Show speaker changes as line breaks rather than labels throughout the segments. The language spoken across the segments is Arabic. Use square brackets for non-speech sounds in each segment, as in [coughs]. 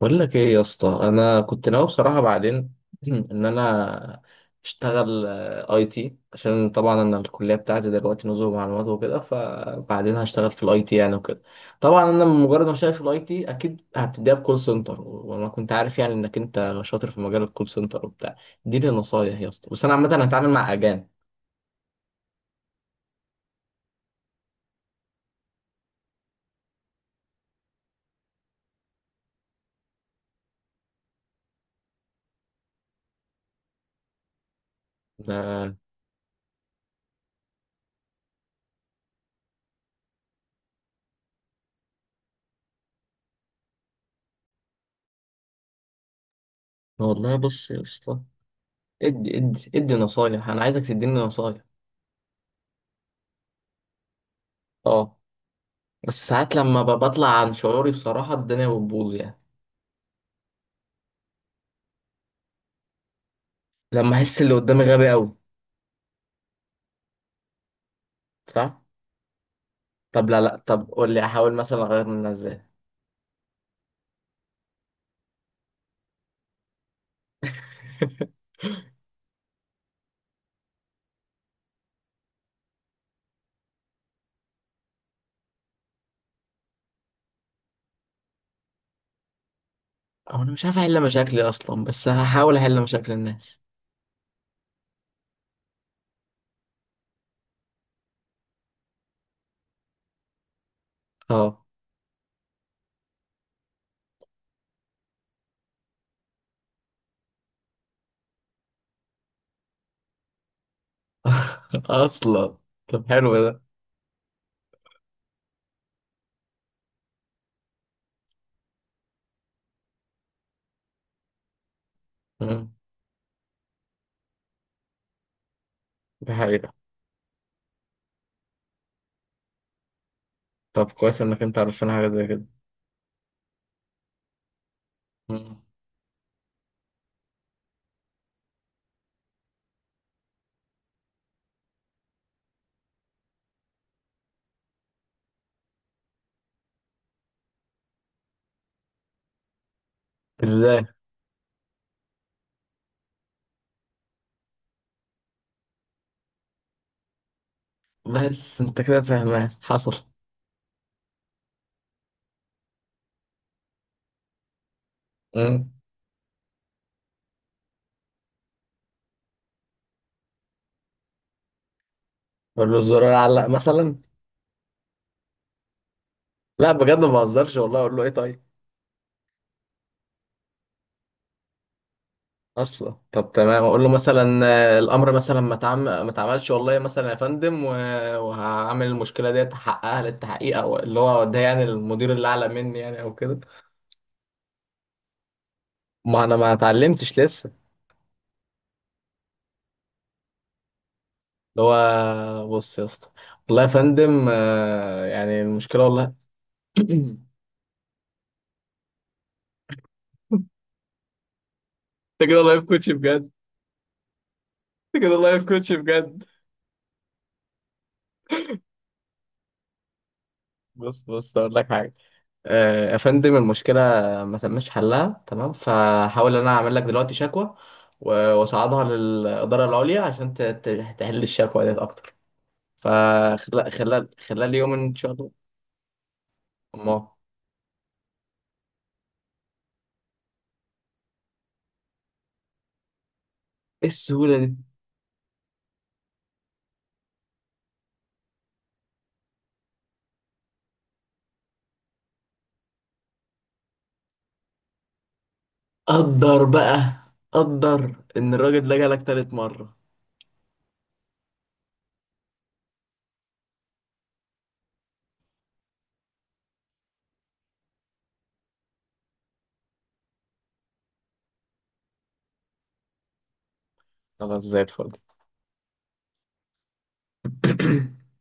بقول لك ايه يا اسطى، انا كنت ناوي بصراحه بعدين. [clears throat] ان انا اشتغل اي تي عشان طبعا انا الكليه بتاعتي دلوقتي نظم معلومات وكده، فبعدين هشتغل في الاي تي يعني وكده. طبعا انا مجرد ما شايف في الاي تي اكيد هبتديها بكول سنتر، وانا كنت عارف يعني انك انت شاطر في مجال الكول سنتر وبتاع. اديني نصايح يا اسطى، بس انا عامه هتعامل مع اجانب. لا. والله بص يا اسطى، ادي ادي ادي نصايح، انا عايزك تديني نصايح. اه. بس ساعات لما بطلع عن شعوري بصراحة الدنيا بتبوظ يعني. لما أحس اللي قدامي غبي أوي. صح؟ طب لا لا، طب قول لي أحاول مثلا أغير منها إزاي؟ أو أنا مش عارف أحل مشاكلي أصلا، بس هحاول أحل مشاكل الناس. أه. [laughs] أصلا. طب حلو ده. مم. دي حقيقة. طب كويس إنك أنت عرفتنا حاجة زي كده. مم. إزاي؟ بس أنت كده فاهمان حصل. مم. أقول له الزرار علق مثلا. لا بجد ما بهزرش، والله أقول له إيه طيب؟ اصلا طب تمام، اقول له مثلا آه، الامر مثلا ما اتعملش والله مثلا يا فندم، وهعمل المشكله دي احققها للتحقيق، او اللي هو ده يعني المدير اللي اعلى مني يعني او كده. ما انا ما اتعلمتش لسه. اللي هو بص يا اسطى، والله يا فندم آه، يعني المشكله والله. [coughs] [clears throat] انت كده لايف كوتش بجد. انت كده لايف كوتش بجد. بص بص اقول لك حاجه. آه، يا فندم، المشكلة ما تمش حلها تمام، فحاول أنا أعمل لك دلوقتي شكوى، وأصعدها للإدارة العليا عشان تحل الشكوى ديت أكتر، فخلال خلال خلال يوم إن شاء الله. أما إيه السهولة دي؟ قدر بقى، قدر إن الراجل ده جالك تالت مرة. خلاص زي الفل. [coughs]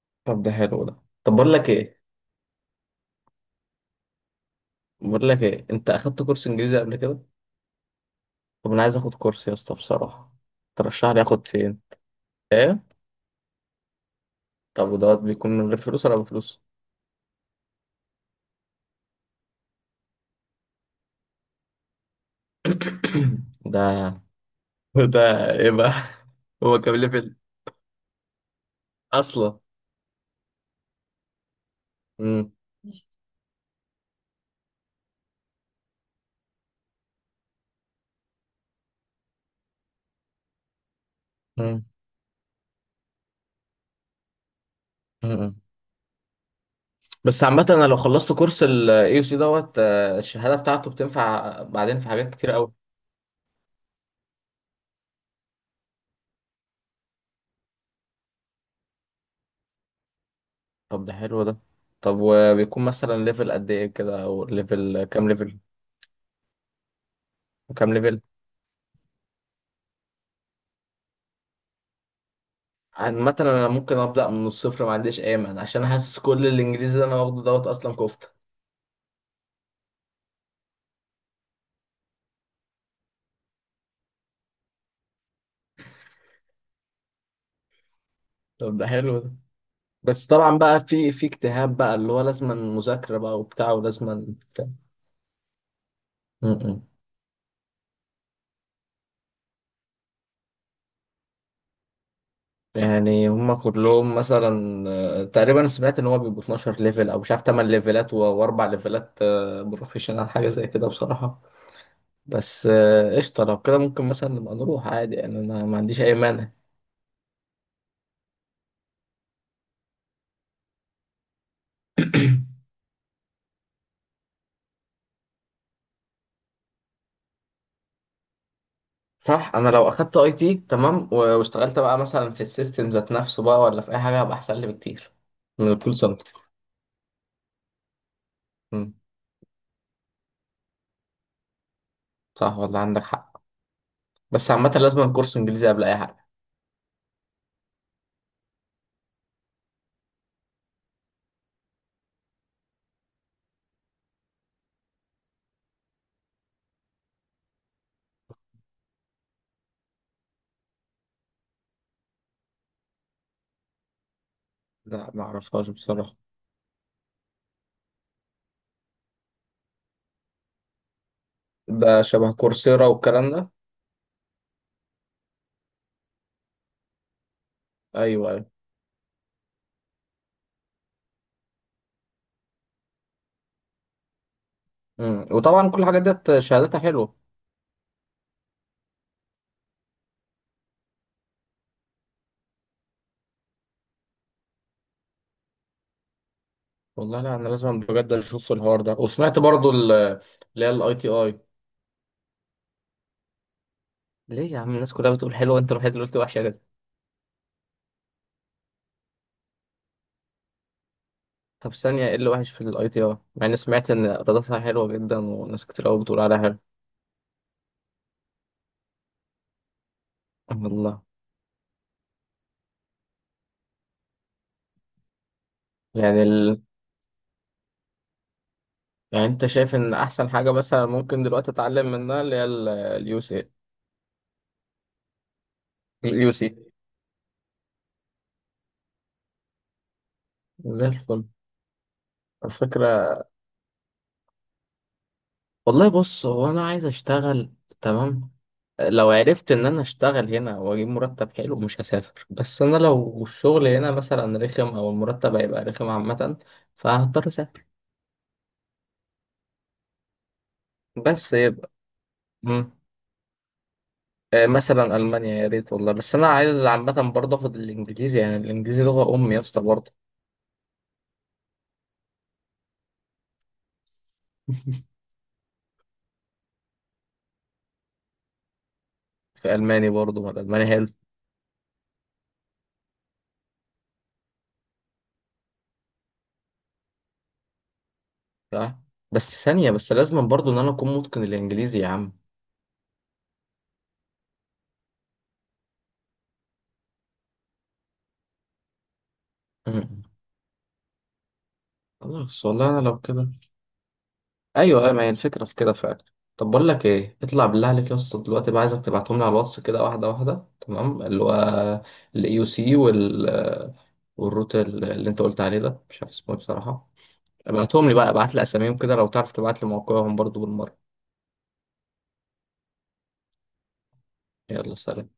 [clears throat] طب ده حلو ده. طب بقول لك إيه، بقول لك إيه، أنت أخدت كورس إنجليزي قبل كده؟ طب أنا عايز آخد كورس يا اسطى بصراحة. ترشح لي آخد فين؟ إيه؟ طب ودوت بيكون من غير فلوس ولا بفلوس؟ [coughs] ده. وده ايه بقى؟ هو كام ليفل اصلا؟ مم. مم. مم. بس عامة انا لو خلصت كورس ال AUC دوت آه، الشهادة بتاعته بتنفع بعدين في حاجات كتير قوي. طب ده حلو ده. طب وبيكون مثلا ليفل قد ايه كده او ليفل، كام ليفل؟ وكام ليفل؟ عامة انا ممكن ابدأ من الصفر، ما عنديش اي مانع، عشان حاسس كل الانجليزي اللي انا واخده دوت اصلا كفتة. طب ده حلو. بس طبعا بقى في اجتهاد بقى، اللي هو لازم مذاكرة بقى وبتاع ولازم بتاع. م- م. يعني هم كلهم مثلا آه، تقريبا سمعت ان هو بيبقوا 12 ليفل او مش عارف 8 ليفلات واربع ليفلات آه، بروفيشنال حاجة زي كده بصراحة. بس آه، قشطة، لو كده ممكن مثلا نبقى نروح عادي يعني، انا ما عنديش اي مانع. صح، انا لو اخدت اي تي تمام واشتغلت بقى مثلا في السيستم ذات نفسه بقى ولا في اي حاجة، هبقى احسن لي بكتير من الكول سنتر. م. صح والله، عندك حق. بس عامة لازم كورس انجليزي قبل اي حاجة. لا ما اعرفهاش بصراحة. ده شبه كورسيرا والكلام ده؟ ايوه ايوه. مم. وطبعا كل الحاجات ديت شهاداتها حلوة. والله لا، انا لازم بجد اشوف الحوار ده. وسمعت برضو اللي هي الاي تي اي. ليه يا عم؟ الناس كلها بتقول حلوة، انت الوحيد اللي قلت وحشة كده. طب ثانية، ايه اللي وحش في الاي تي اي مع اني سمعت ان ايراداتها حلوة جدا وناس كتير قوي بتقول عليها حلوة؟ والله. يعني ال... يعني انت شايف ان احسن حاجة مثلا ممكن دلوقتي اتعلم منها اللي هي اليو سي. اليو سي. زي الفل. الفكرة، والله بص هو انا عايز اشتغل تمام. لو عرفت ان انا اشتغل هنا واجيب مرتب حلو مش هسافر، بس انا لو الشغل هنا مثلا رخم او المرتب هيبقى رخم عامة فهضطر اسافر. بس يبقى. مم. آه، مثلا المانيا يا ريت والله، بس انا عايز عامة برضه اخد الانجليزي، يعني الانجليزي لغة امي يا اسطى برضه. [laughs] في الماني برضه، ما الالماني حلو. صح. بس ثانية، بس لازم برضه ان انا اكون متقن الانجليزي يا عم. مم. خلاص والله، انا لو كده. ايوه ايوه، ما هي الفكره في كده فعلا. طب بقول لك ايه، اطلع بالله عليك يا اسطى، دلوقتي بقى عايزك تبعتهم لي على الواتس كده واحده واحده تمام، اللي هو الاي يو سي وال، والروت اللي انت قلت عليه ده مش عارف اسمه ايه بصراحه. ابعتهم لي بقى، ابعت لي اساميهم كده، لو تعرف تبعت لي موقعهم برضو بالمره. يلا سلام.